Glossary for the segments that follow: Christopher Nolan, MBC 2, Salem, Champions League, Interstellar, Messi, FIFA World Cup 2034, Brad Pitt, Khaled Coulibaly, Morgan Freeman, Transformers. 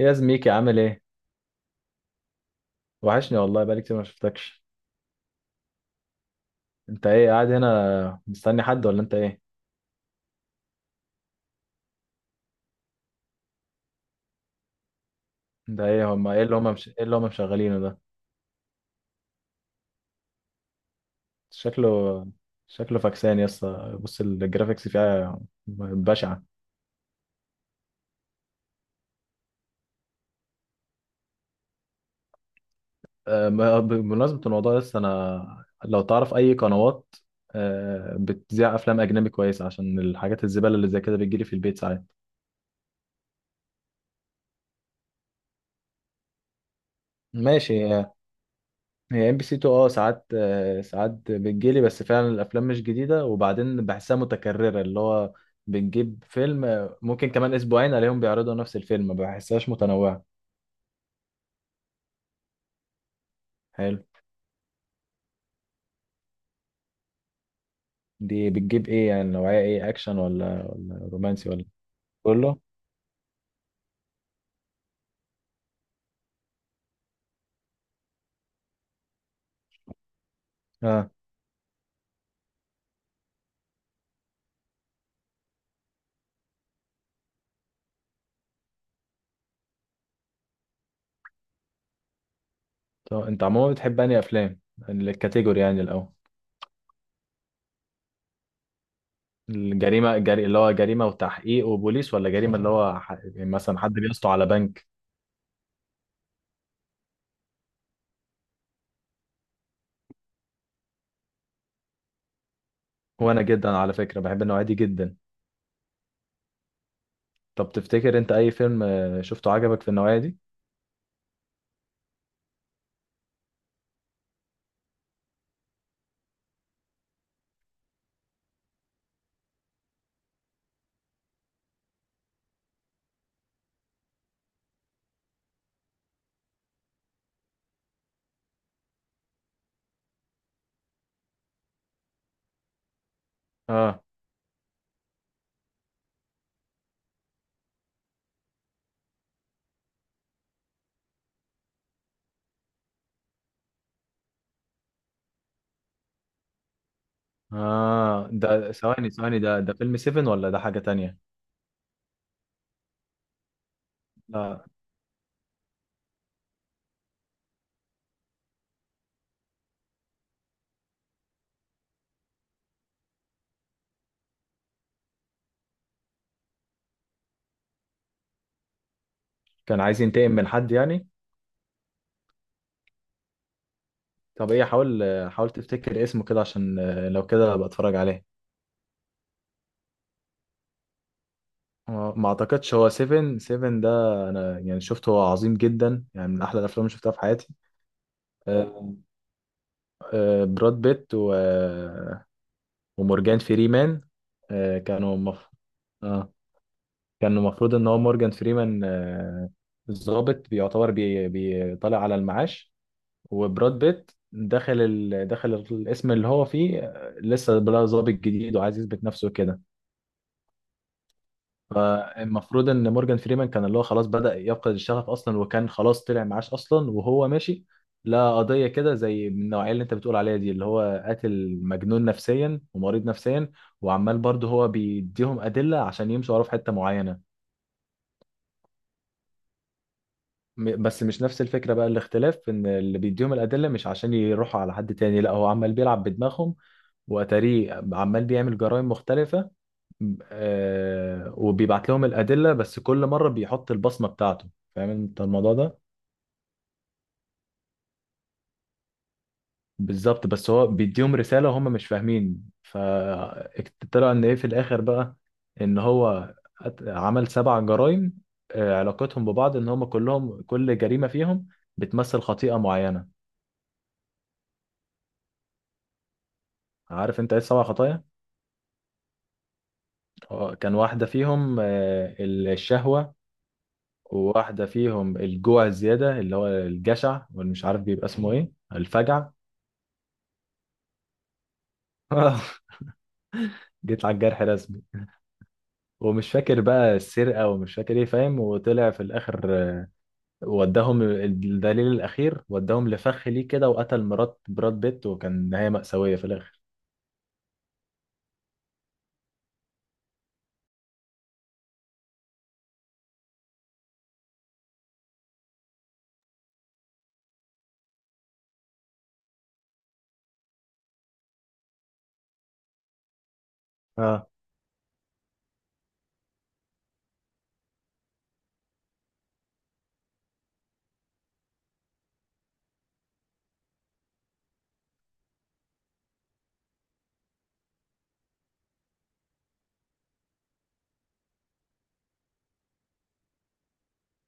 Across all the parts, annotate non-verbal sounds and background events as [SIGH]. ايه يا زميكي عامل ايه؟ وحشني والله بقالي كتير ما شفتكش. انت ايه قاعد هنا مستني حد ولا انت ايه؟ انت ايه هما ايه اللي هما مش... ايه اللي هما مشغلينه ده؟ شكله شكله فاكسان يا اسطى، بص الجرافيكس فيها بشعة. أه، ما- بمناسبة الموضوع، لسه انا لو تعرف اي قنوات بتذيع افلام اجنبي كويسة عشان الحاجات الزبالة اللي زي كده بتجيلي في البيت ساعات. ماشي. هي ام بي سي 2، ساعات ساعات بتجيلي، بس فعلا الافلام مش جديده، وبعدين بحسها متكرره، اللي هو بنجيب فيلم ممكن كمان اسبوعين عليهم بيعرضوا نفس الفيلم، ما بحسهاش متنوعه. حلو. دي بتجيب ايه يعني؟ نوعيه ايه، اكشن ولا رومانسي ولا؟ كله. اه. طب انت عموما بتحب انهي افلام؟ الكاتيجوري يعني الاول. اللي هو جريمه وتحقيق وبوليس، ولا جريمه اللي [LAUGHS] مثلا حد بيسطو على بنك؟ وانا جدا على فكره بحب النوعيه دي جدا. طب تفتكر انت اي فيلم شفته عجبك في النوعية دي؟ اه. اه، ده ثواني ثواني، ده فيلم سيفن ولا ده حاجة تانية؟ لا. كان عايز ينتقم من حد يعني. طب ايه، حاول حاول تفتكر اسمه كده عشان لو كده ابقى اتفرج عليه. ما اعتقدش هو سيفن، سيفن ده. انا يعني شفته، هو عظيم جدا يعني، من احلى الافلام اللي شفتها في حياتي. آه، براد بيت و... آه، ومورجان فريمان. آه، كانوا مف... آه. كان المفروض ان هو مورجان فريمان الضابط بيعتبر بيطلع على المعاش، وبراد بيت دخل دخل الاسم اللي هو فيه لسه بقى ضابط جديد وعايز يثبت نفسه كده. فالمفروض ان مورجان فريمان كان اللي هو خلاص بدأ يفقد الشغف اصلا، وكان خلاص طلع معاش اصلا وهو ماشي. لا، قضية كده زي من النوعية اللي انت بتقول عليها دي، اللي هو قاتل مجنون نفسيا ومريض نفسيا، وعمال برضه هو بيديهم أدلة عشان يمشوا وراه في حتة معينة. بس مش نفس الفكرة بقى، الاختلاف في ان اللي بيديهم الأدلة مش عشان يروحوا على حد تاني، لا هو عمال بيلعب بدماغهم، وأتاريه عمال بيعمل جرائم مختلفة. وبيبعت لهم الأدلة، بس كل مرة بيحط البصمة بتاعته. فاهم انت الموضوع ده؟ بالظبط، بس هو بيديهم رسالة وهم مش فاهمين، فطلع ان ايه في الآخر بقى، ان هو عمل سبع جرائم علاقتهم ببعض ان هم كلهم، كل جريمة فيهم بتمثل خطيئة معينة. عارف انت ايه السبع خطايا؟ كان واحدة فيهم الشهوة، وواحدة فيهم الجوع الزيادة اللي هو الجشع، واللي مش عارف بيبقى اسمه ايه، الفجع. [LAUGHS] جيت على الجرح رسمي. ومش فاكر بقى السرقة ومش فاكر ايه، فاهم، وطلع في الآخر وداهم الدليل الأخير وداهم لفخ ليه كده، وقتل مرات براد بيت، وكان نهاية مأساوية في الآخر. اه.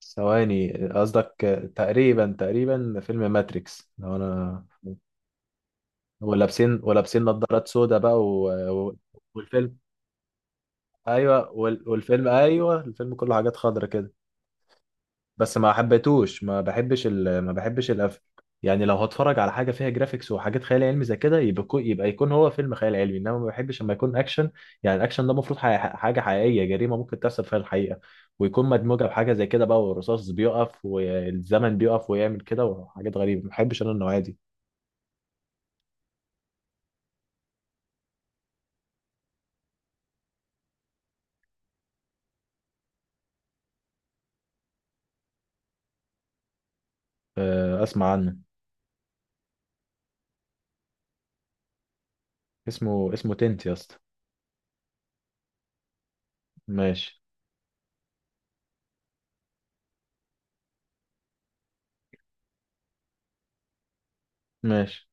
ثواني، قصدك تقريبا فيلم ماتريكس لو انا؟ ولابسين نظارات سودا بقى و... والفيلم، ايوه والفيلم، ايوه، الفيلم كله حاجات خضرة كده. بس ما حبيتوش، ما بحبش ما بحبش القفل. يعني لو هتفرج على حاجه فيها جرافيكس وحاجات خيال علمي زي كده، يبقى يكون هو فيلم خيال علمي، انما ما بحبش لما يكون اكشن. يعني الاكشن ده المفروض حاجه حقيقيه، جريمه ممكن تحصل فيها الحقيقه، ويكون مدموجه بحاجه زي كده بقى، والرصاص بيقف والزمن بيقف ويعمل كده وحاجات غريبه، ما بحبش انا النوعيه دي. اسمع عنه. اسمه تنت يا اسطى. ماشي. ماشي.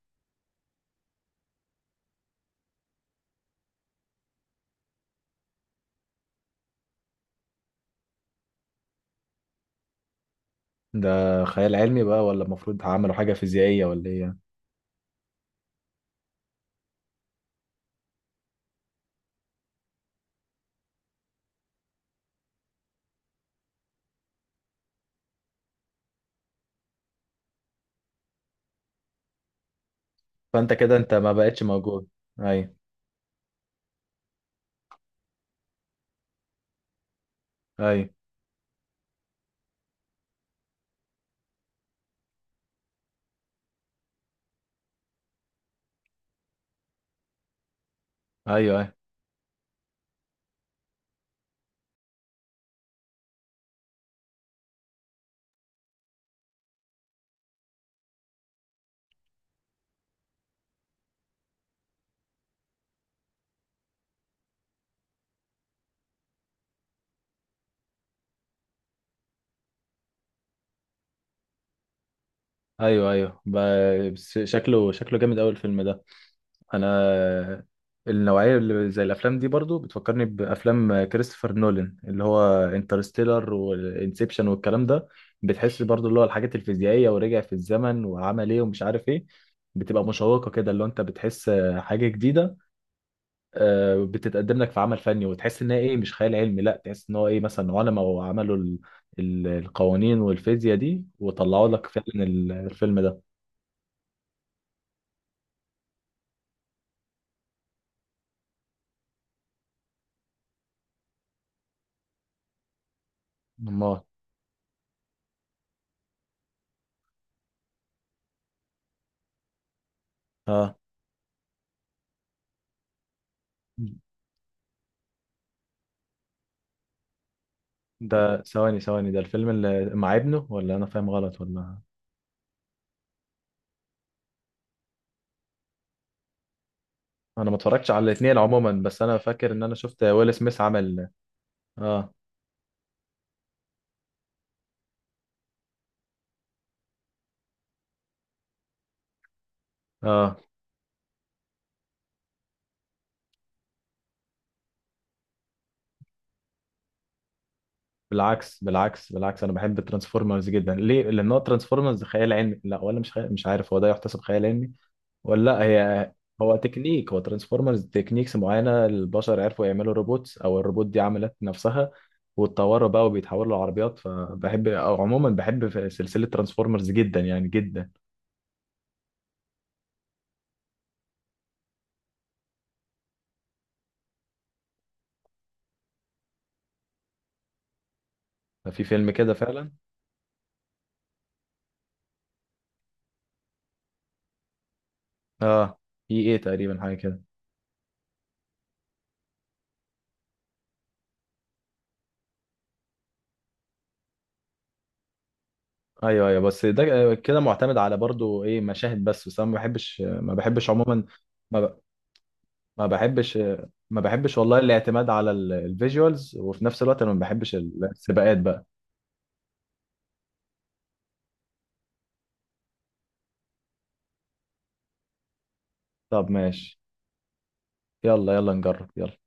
ده خيال علمي بقى، ولا المفروض عملوا حاجة فيزيائية ولا ايه يعني؟ فانت كده انت ما بقتش موجود. ايوه. ايوه، ايوه، ايوه، ايوه، ايوه، بس شكله، شكله جامد قوي الفيلم ده. انا النوعية اللي زي الافلام دي برضو بتفكرني بافلام كريستوفر نولان، اللي هو انترستيلر وانسبشن والكلام ده. بتحس برضو اللي هو الحاجات الفيزيائية، ورجع في الزمن وعمل ايه ومش عارف ايه، بتبقى مشوقة كده، اللي هو انت بتحس حاجة جديدة بتتقدم لك في عمل فني، وتحس ان هي ايه، مش خيال علمي، لا تحس ان هو ايه، مثلا علماء وعملوا القوانين والفيزياء دي، وطلعوا لك فعلا الفيلم ده. امال. اه. ده ثواني ثواني، ده الفيلم اللي مع ابنه، ولا انا فاهم غلط ولا؟ انا ما اتفرجتش على الاثنين عموما، بس انا فاكر ان انا شفت ويل سميث عمل. اه. اه. بالعكس، بالعكس، بالعكس، انا بحب ترانسفورمرز جدا، ليه؟ لان هو ترانسفورمرز خيال علمي، لا ولا مش خيال، مش عارف هو ده يحتسب خيال علمي ولا لا. هي، هو تكنيك، هو ترانسفورمرز تكنيكس معينه، البشر عرفوا يعملوا روبوتس، او الروبوت دي عملت نفسها واتطوروا بقى وبيتحولوا لعربيات، فبحب، او عموما بحب في سلسله ترانسفورمرز جدا يعني، جدا. في فيلم كده فعلا. اه. ايه، تقريبا حاجه كده. ايوه، ايوه، بس ده كده معتمد على برضو ايه، مشاهد بس انا ما بحبش، ما بحبش عموما. ما ب- ما بحبش، ما بحبش والله الاعتماد على الفيجوالز، وفي نفس الوقت انا ما بحبش السباقات بقى. طب ماشي. يلا يلا، نجرب، يلا.